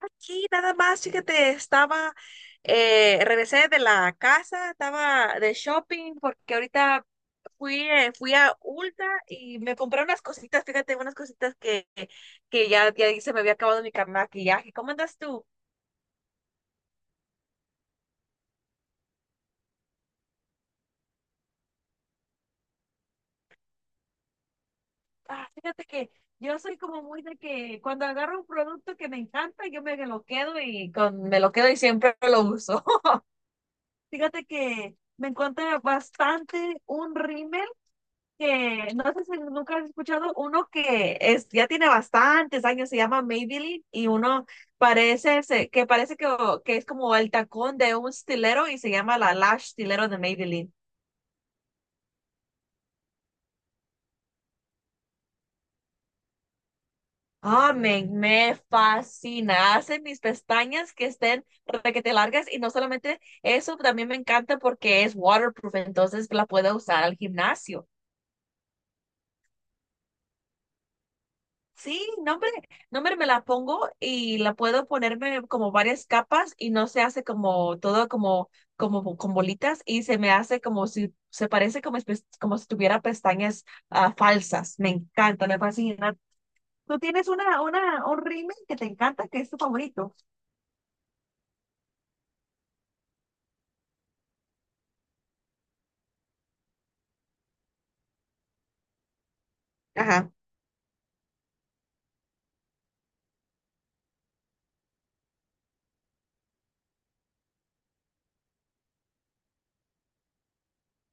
Aquí nada más, fíjate, estaba, regresé de la casa, estaba de shopping porque ahorita fui, fui a Ulta y me compré unas cositas, fíjate, unas cositas que ya se me había acabado mi maquillaje. ¿Cómo andas tú? Ah, fíjate que yo soy como muy de que cuando agarro un producto que me encanta, yo me lo quedo y me lo quedo y siempre lo uso. Fíjate que me encuentro bastante un rímel que no sé si nunca has escuchado uno que es, ya tiene bastantes años, se llama Maybelline y uno parece que parece que es como el tacón de un stilero y se llama la lash stilero de Maybelline. Ah, me fascina. Hace mis pestañas que estén requete largas y no solamente eso, también me encanta porque es waterproof, entonces la puedo usar al gimnasio. Sí, no, hombre, no, hombre, me la pongo y la puedo ponerme como varias capas y no se hace como todo como, como con bolitas y se me hace como si, se parece como, como si tuviera pestañas falsas. Me encanta, me fascina. ¿Tú tienes un rímel que te encanta, que es tu favorito? Ajá.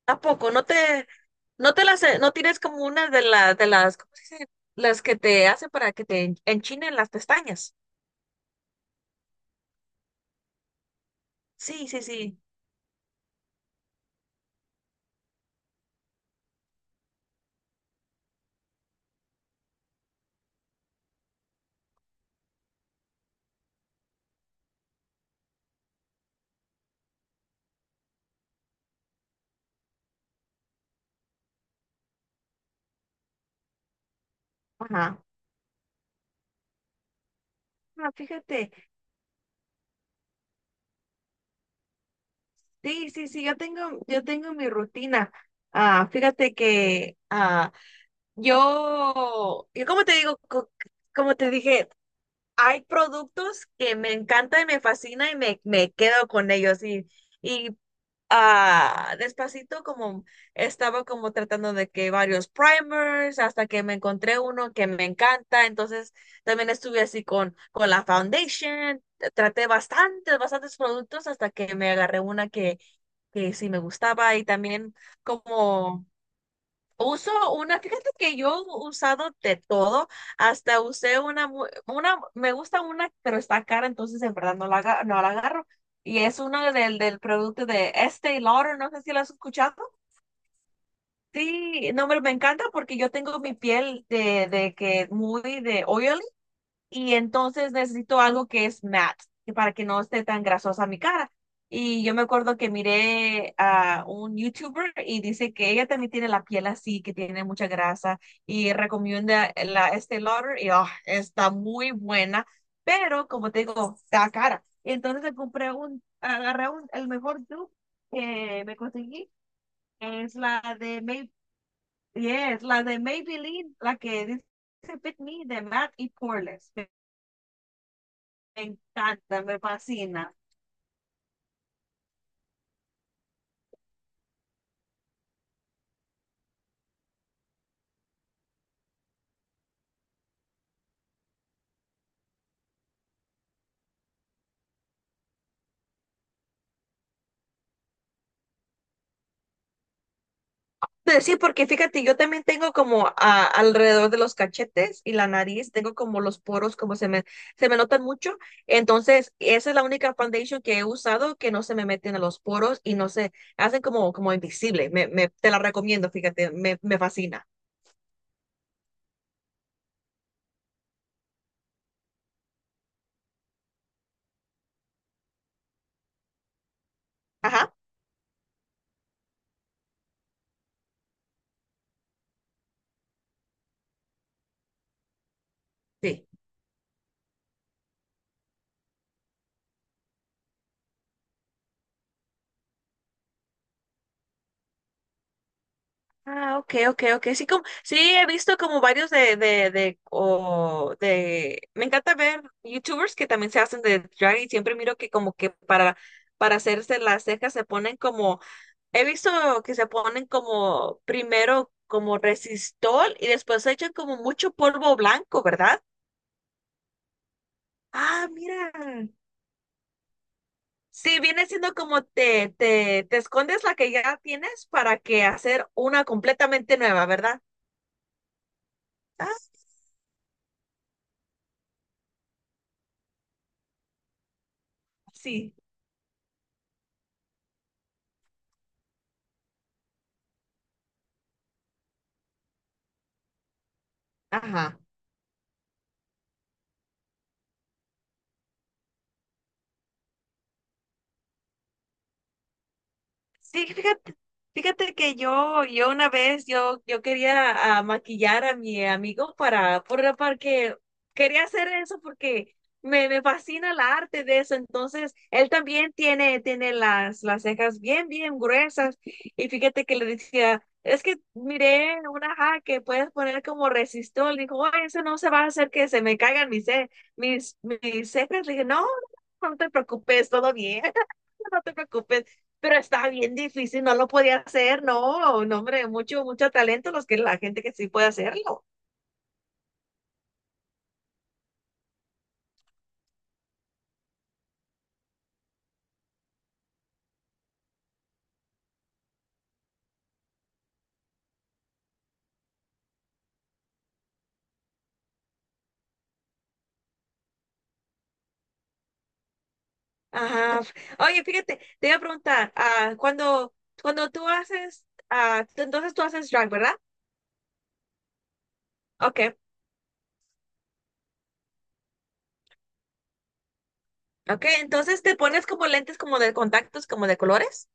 ¿A poco? ¿No te, no te las, no tienes como una de las, ¿cómo se dice? Las que te hacen para que te enchinen las pestañas. Sí, sí, sí. Ajá. Ah, fíjate. Sí, sí, sí, yo tengo mi rutina. Ah, fíjate que yo como te digo, como te dije, hay productos que me encantan y me fascinan y me quedo con ellos. Y despacito como estaba como tratando de que varios primers hasta que me encontré uno que me encanta. Entonces también estuve así con la foundation. Traté bastantes, bastantes productos hasta que me agarré una que sí me gustaba y también como uso una, fíjate que yo he usado de todo, hasta usé una, una, me gusta una, pero está cara, entonces en verdad no la no la agarro. Y es uno del producto de Estée Lauder, no sé si lo has escuchado. Sí, no, me encanta porque yo tengo mi piel de que muy de oily y entonces necesito algo que es matte, que para que no esté tan grasosa mi cara. Y yo me acuerdo que miré a un YouTuber y dice que ella también tiene la piel así, que tiene mucha grasa y recomienda la Estée Lauder y está muy buena, pero como te digo, está cara. Y entonces me compré agarré un, el mejor dupe que me conseguí, es la de May, yes, la de Maybelline, la que dice Fit Me de Matte y Poreless. Me encanta, me fascina. Pues sí, porque fíjate, yo también tengo como alrededor de los cachetes y la nariz, tengo como los poros, como se me notan mucho. Entonces, esa es la única foundation que he usado que no se me meten a los poros y no se hacen como, como invisible. Te la recomiendo, fíjate, me fascina. Ajá. Sí. Ah, ok, ok, ok. Sí, como, sí, he visto como varios me encanta ver YouTubers que también se hacen de drag y siempre miro que como que para hacerse las cejas se ponen como, he visto que se ponen como primero como resistol y después se echan como mucho polvo blanco, ¿verdad? Ah, mira. Sí, viene siendo como te escondes la que ya tienes para que hacer una completamente nueva, ¿verdad? Ah, sí. Ajá. Sí, fíjate, fíjate que yo una vez, yo quería maquillar a mi amigo para, porque quería hacer eso porque me fascina el arte de eso. Entonces, él también tiene las cejas bien, bien gruesas. Y fíjate que le decía, es que miré una ja que puedes poner como resistol. Dijo: "Ay, eso no se va a hacer que se me caigan mis cejas". Le dije, no, no te preocupes, todo bien. No te preocupes, pero está bien difícil, no lo podía hacer, no, no, hombre, mucho, mucho talento los que la gente que sí puede hacerlo. Ajá. Oye, fíjate, te iba a preguntar, cuando, cuando tú haces, entonces tú haces drag, ¿verdad? Ok, ok, entonces te pones como lentes como de contactos, como de colores.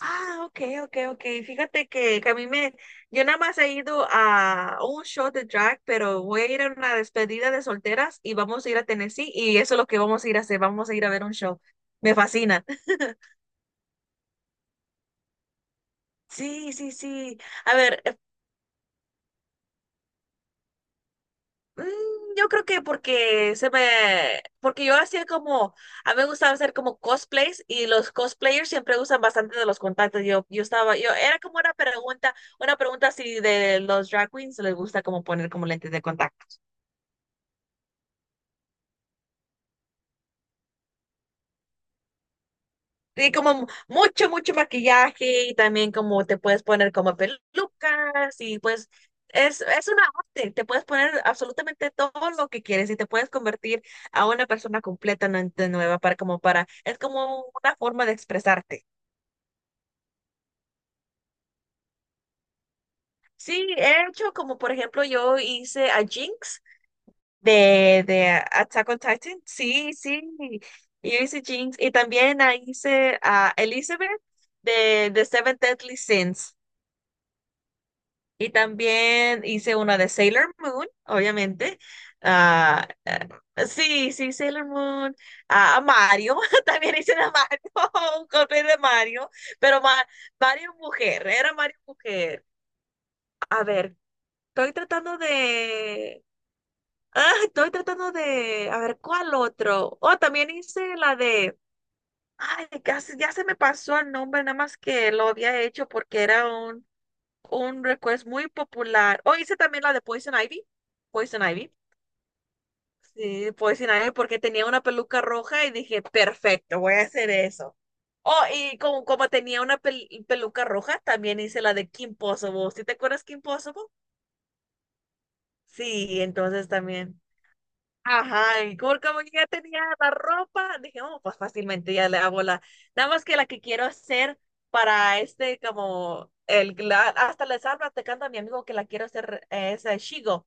Ah, ok, ok, ok. Fíjate que a mí yo nada más he ido a un show de drag, pero voy a ir a una despedida de solteras y vamos a ir a Tennessee y eso es lo que vamos a ir a hacer, vamos a ir a ver un show. Me fascina. Sí, sí, sí. A ver. Mm, Yo creo que porque porque yo hacía como, a mí me gustaba hacer como cosplays y los cosplayers siempre usan bastante de los contactos. Yo estaba, yo era como una pregunta si de los drag queens les gusta como poner como lentes de contacto. Sí, como mucho, mucho maquillaje y también como te puedes poner como pelucas y pues es una arte, te puedes poner absolutamente todo lo que quieres y te puedes convertir a una persona completamente nueva para como para, es como una forma de expresarte. Sí, he hecho como por ejemplo yo hice a Jinx de Attack on Titan, sí, sí, yo hice Jinx y también hice a Elizabeth de Seven Deadly Sins. Y también hice una de Sailor Moon, obviamente. Ah, eh, sí, sí, Sailor Moon. Ah, a Mario, también hice de Mario, un cosplay de Mario, pero Mario mujer, era Mario mujer. A ver, estoy tratando de... Ah, estoy tratando de... A ver, ¿cuál otro? Oh, también hice la de... Ay, casi ya se me pasó el nombre, nada más que lo había hecho porque era un request muy popular. O hice también la de Poison Ivy. Poison Ivy. Sí, Poison Ivy porque tenía una peluca roja y dije, perfecto, voy a hacer eso. Oh, y como, como tenía una peluca roja, también hice la de Kim Possible. ¿Sí te acuerdas Kim Possible? Sí, entonces también. Ajá, y como, como ya tenía la ropa, dije, oh, pues fácilmente ya le hago la. Nada más que la que quiero hacer para este, como, el, la- hasta les hablo, te canta mi amigo que la quiero hacer, es Shigo.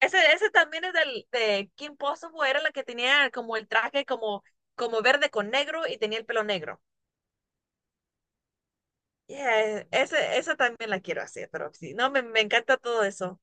Ese también es de Kim Possible, era la que tenía como el traje como, como verde con negro y tenía el pelo negro. Yeah, ese, esa también la quiero hacer, pero sí, no, me encanta todo eso.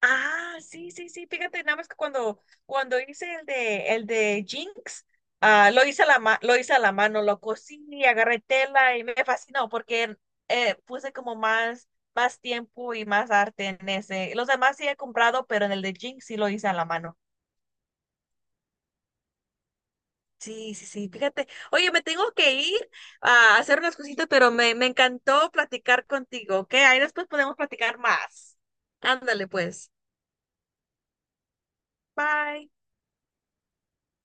Ah, sí, sí, sí, fíjate, nada más que cuando, cuando hice el el de Jinx, lo hice a la lo hice a la mano, lo cosí, agarré tela y me fascinó porque puse como más, más tiempo y más arte en ese. Los demás sí he comprado, pero en el de Jinx sí lo hice a la mano. Sí, sí, sí, fíjate. Oye, me tengo que ir a hacer unas cositas, pero me encantó platicar contigo, ¿ok? Ahí después podemos platicar más. Ándale, pues. Bye.